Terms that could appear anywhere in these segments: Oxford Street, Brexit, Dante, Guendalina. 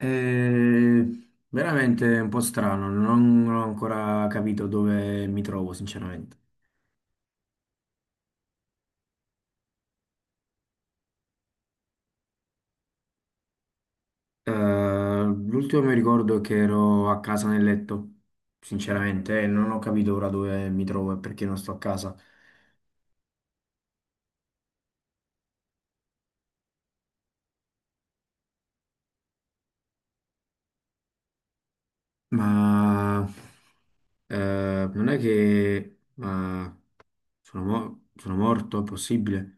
Eh, Veramente è un po' strano, non ho ancora capito dove mi trovo, sinceramente. L'ultimo mi ricordo è che ero a casa nel letto, sinceramente, e non ho capito ora dove mi trovo e perché non sto a casa. Ma non è che eh, sono morto, è possibile?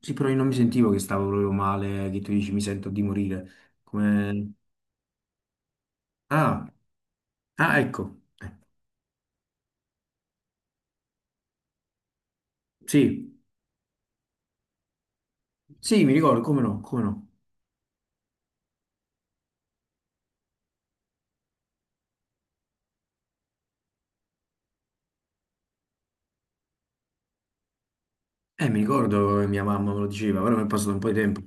Sì, però io non mi sentivo che stavo proprio male, che tu dici mi sento di morire. Come. Ah, ah, ecco, sì. Sì, mi ricordo, come no, come no. Mi ricordo che mia mamma me lo diceva, però mi è passato un po' di tempo.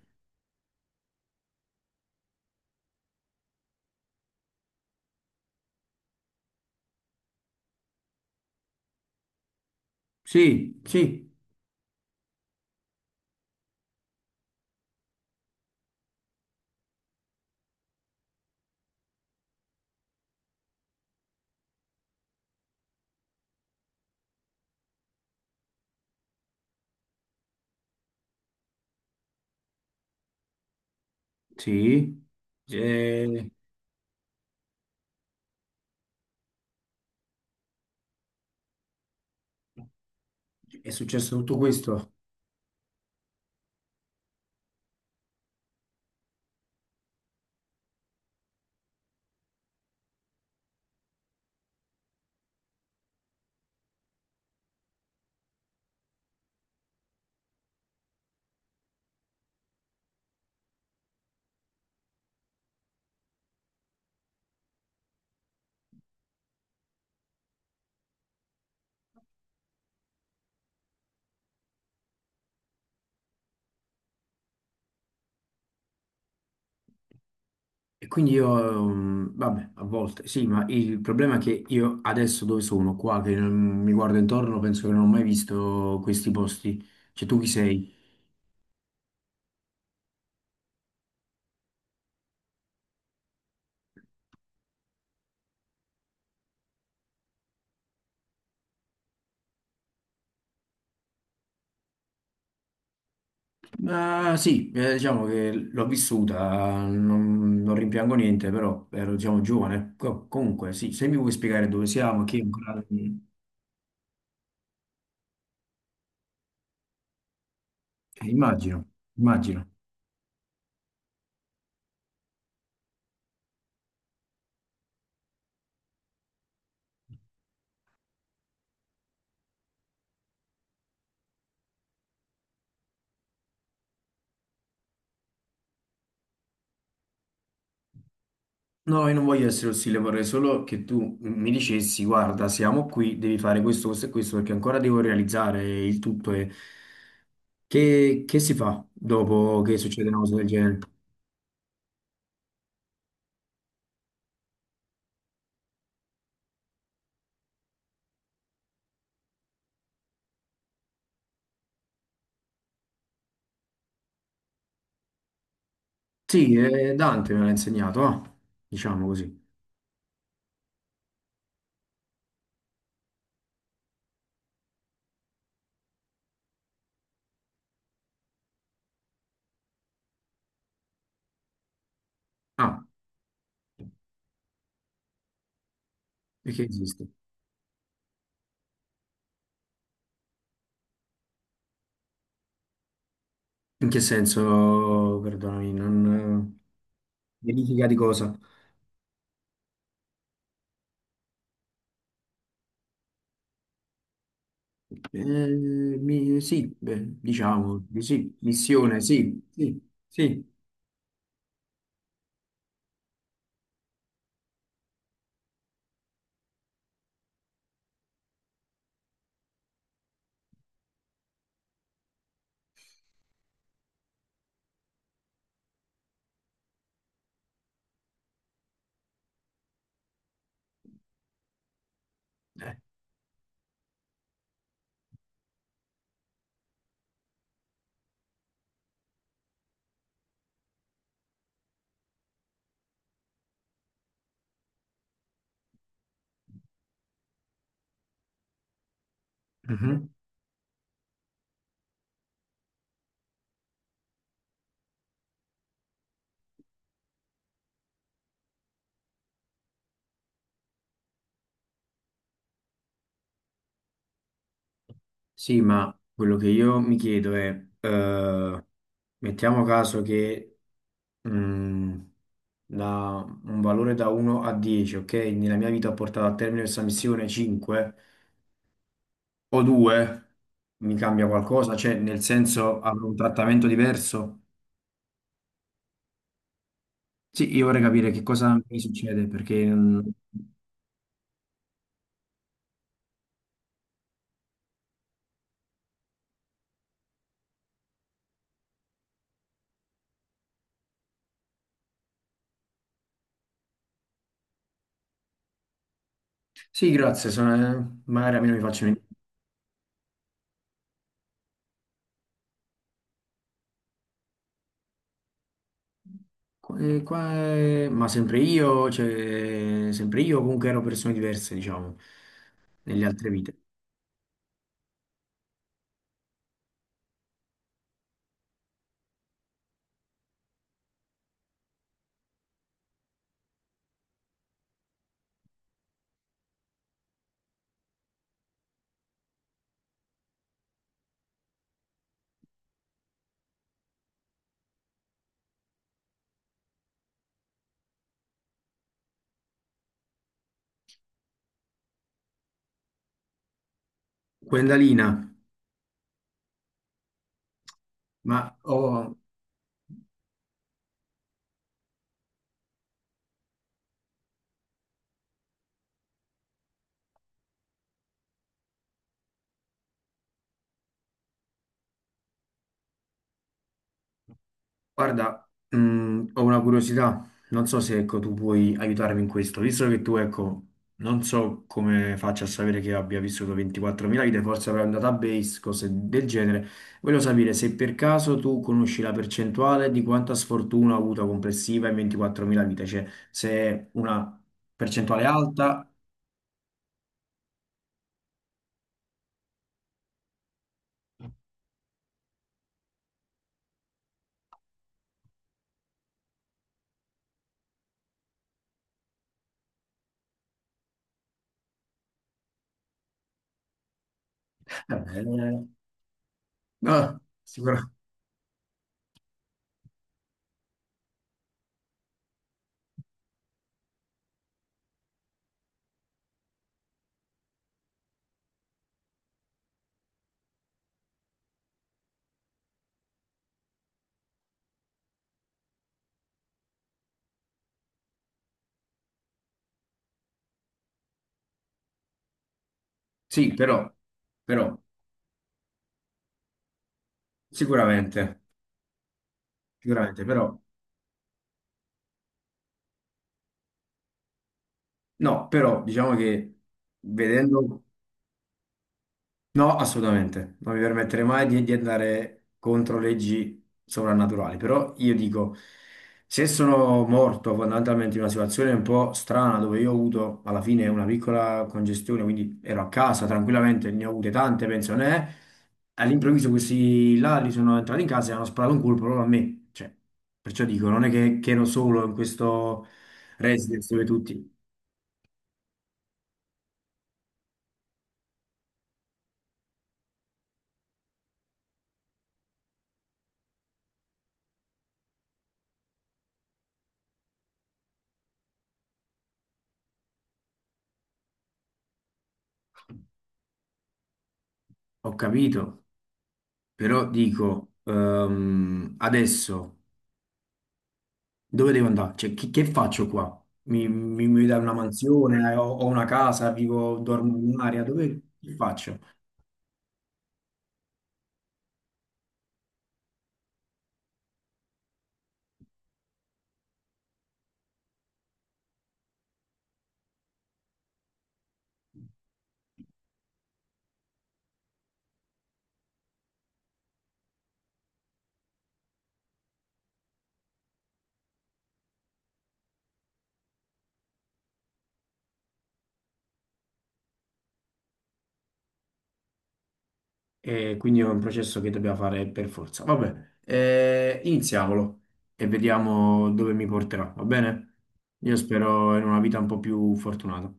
Sì, sì, sì. Eh, è successo tutto questo. E quindi io, vabbè, a volte, sì, ma il problema è che io adesso dove sono, qua, che mi guardo intorno, penso che non ho mai visto questi posti. Cioè, tu chi sei? Ma sì, diciamo che l'ho vissuta, non rimpiango niente, però ero, diciamo, giovane. Comunque, sì, se mi vuoi spiegare dove siamo, chi è ancora. Immagino, immagino. No, io non voglio essere ostile, vorrei solo che tu mi dicessi, guarda, siamo qui, devi fare questo, questo e questo, perché ancora devo realizzare il tutto. E. Che si fa dopo che succede una cosa del genere? Sì, Dante me l'ha insegnato, ah, diciamo così. Ah, perché esiste? In che senso, perdonami, non. Verifica di cosa? Eh, sì, beh, diciamo, di sì, missione, sì, sì, sì. Eh, mhm. Sì, ma quello che io mi chiedo è, mettiamo caso che mh, da un valore da 1 a 10, ok? Nella mia vita ho portato a termine questa missione 5 o 2, mi cambia qualcosa? Cioè, nel senso, avrò un trattamento diverso? Sì, io vorrei capire che cosa mi succede, perché. Sì, grazie, magari a me non mi faccio niente. Ma sempre io, cioè, sempre io comunque ero persone diverse, diciamo, nelle altre vite. Guendalina, ma ho Guarda, ho una curiosità, non so se ecco, tu puoi aiutarmi in questo, visto che tu ecco, non so come faccia a sapere che abbia vissuto 24.000 vite, forse avrai un database, cose del genere, voglio sapere se per caso tu conosci la percentuale di quanta sfortuna ha avuto complessiva in 24.000 vite, cioè se è una percentuale alta, eh, beh, no, sì, però, sicuramente, sicuramente, però. No, però diciamo che vedendo. No, assolutamente, non mi permetterei mai di andare contro leggi sovrannaturali, però io dico, se sono morto fondamentalmente in una situazione un po' strana dove io ho avuto alla fine una piccola congestione, quindi ero a casa tranquillamente, ne ho avute tante, penso, ne All'improvviso questi là li sono entrati in casa e hanno sparato un colpo proprio a me, cioè, perciò dico, non è che ero solo in questo residence dove tutti. Ho capito, però dico, adesso dove devo andare? Cioè, che faccio qua? Mi dai una mansione, ho una casa, vivo, dormo in un'area, dove che faccio? E quindi è un processo che dobbiamo fare per forza. Vabbè, iniziamolo e vediamo dove mi porterà, va bene? Io spero in una vita un po' più fortunata.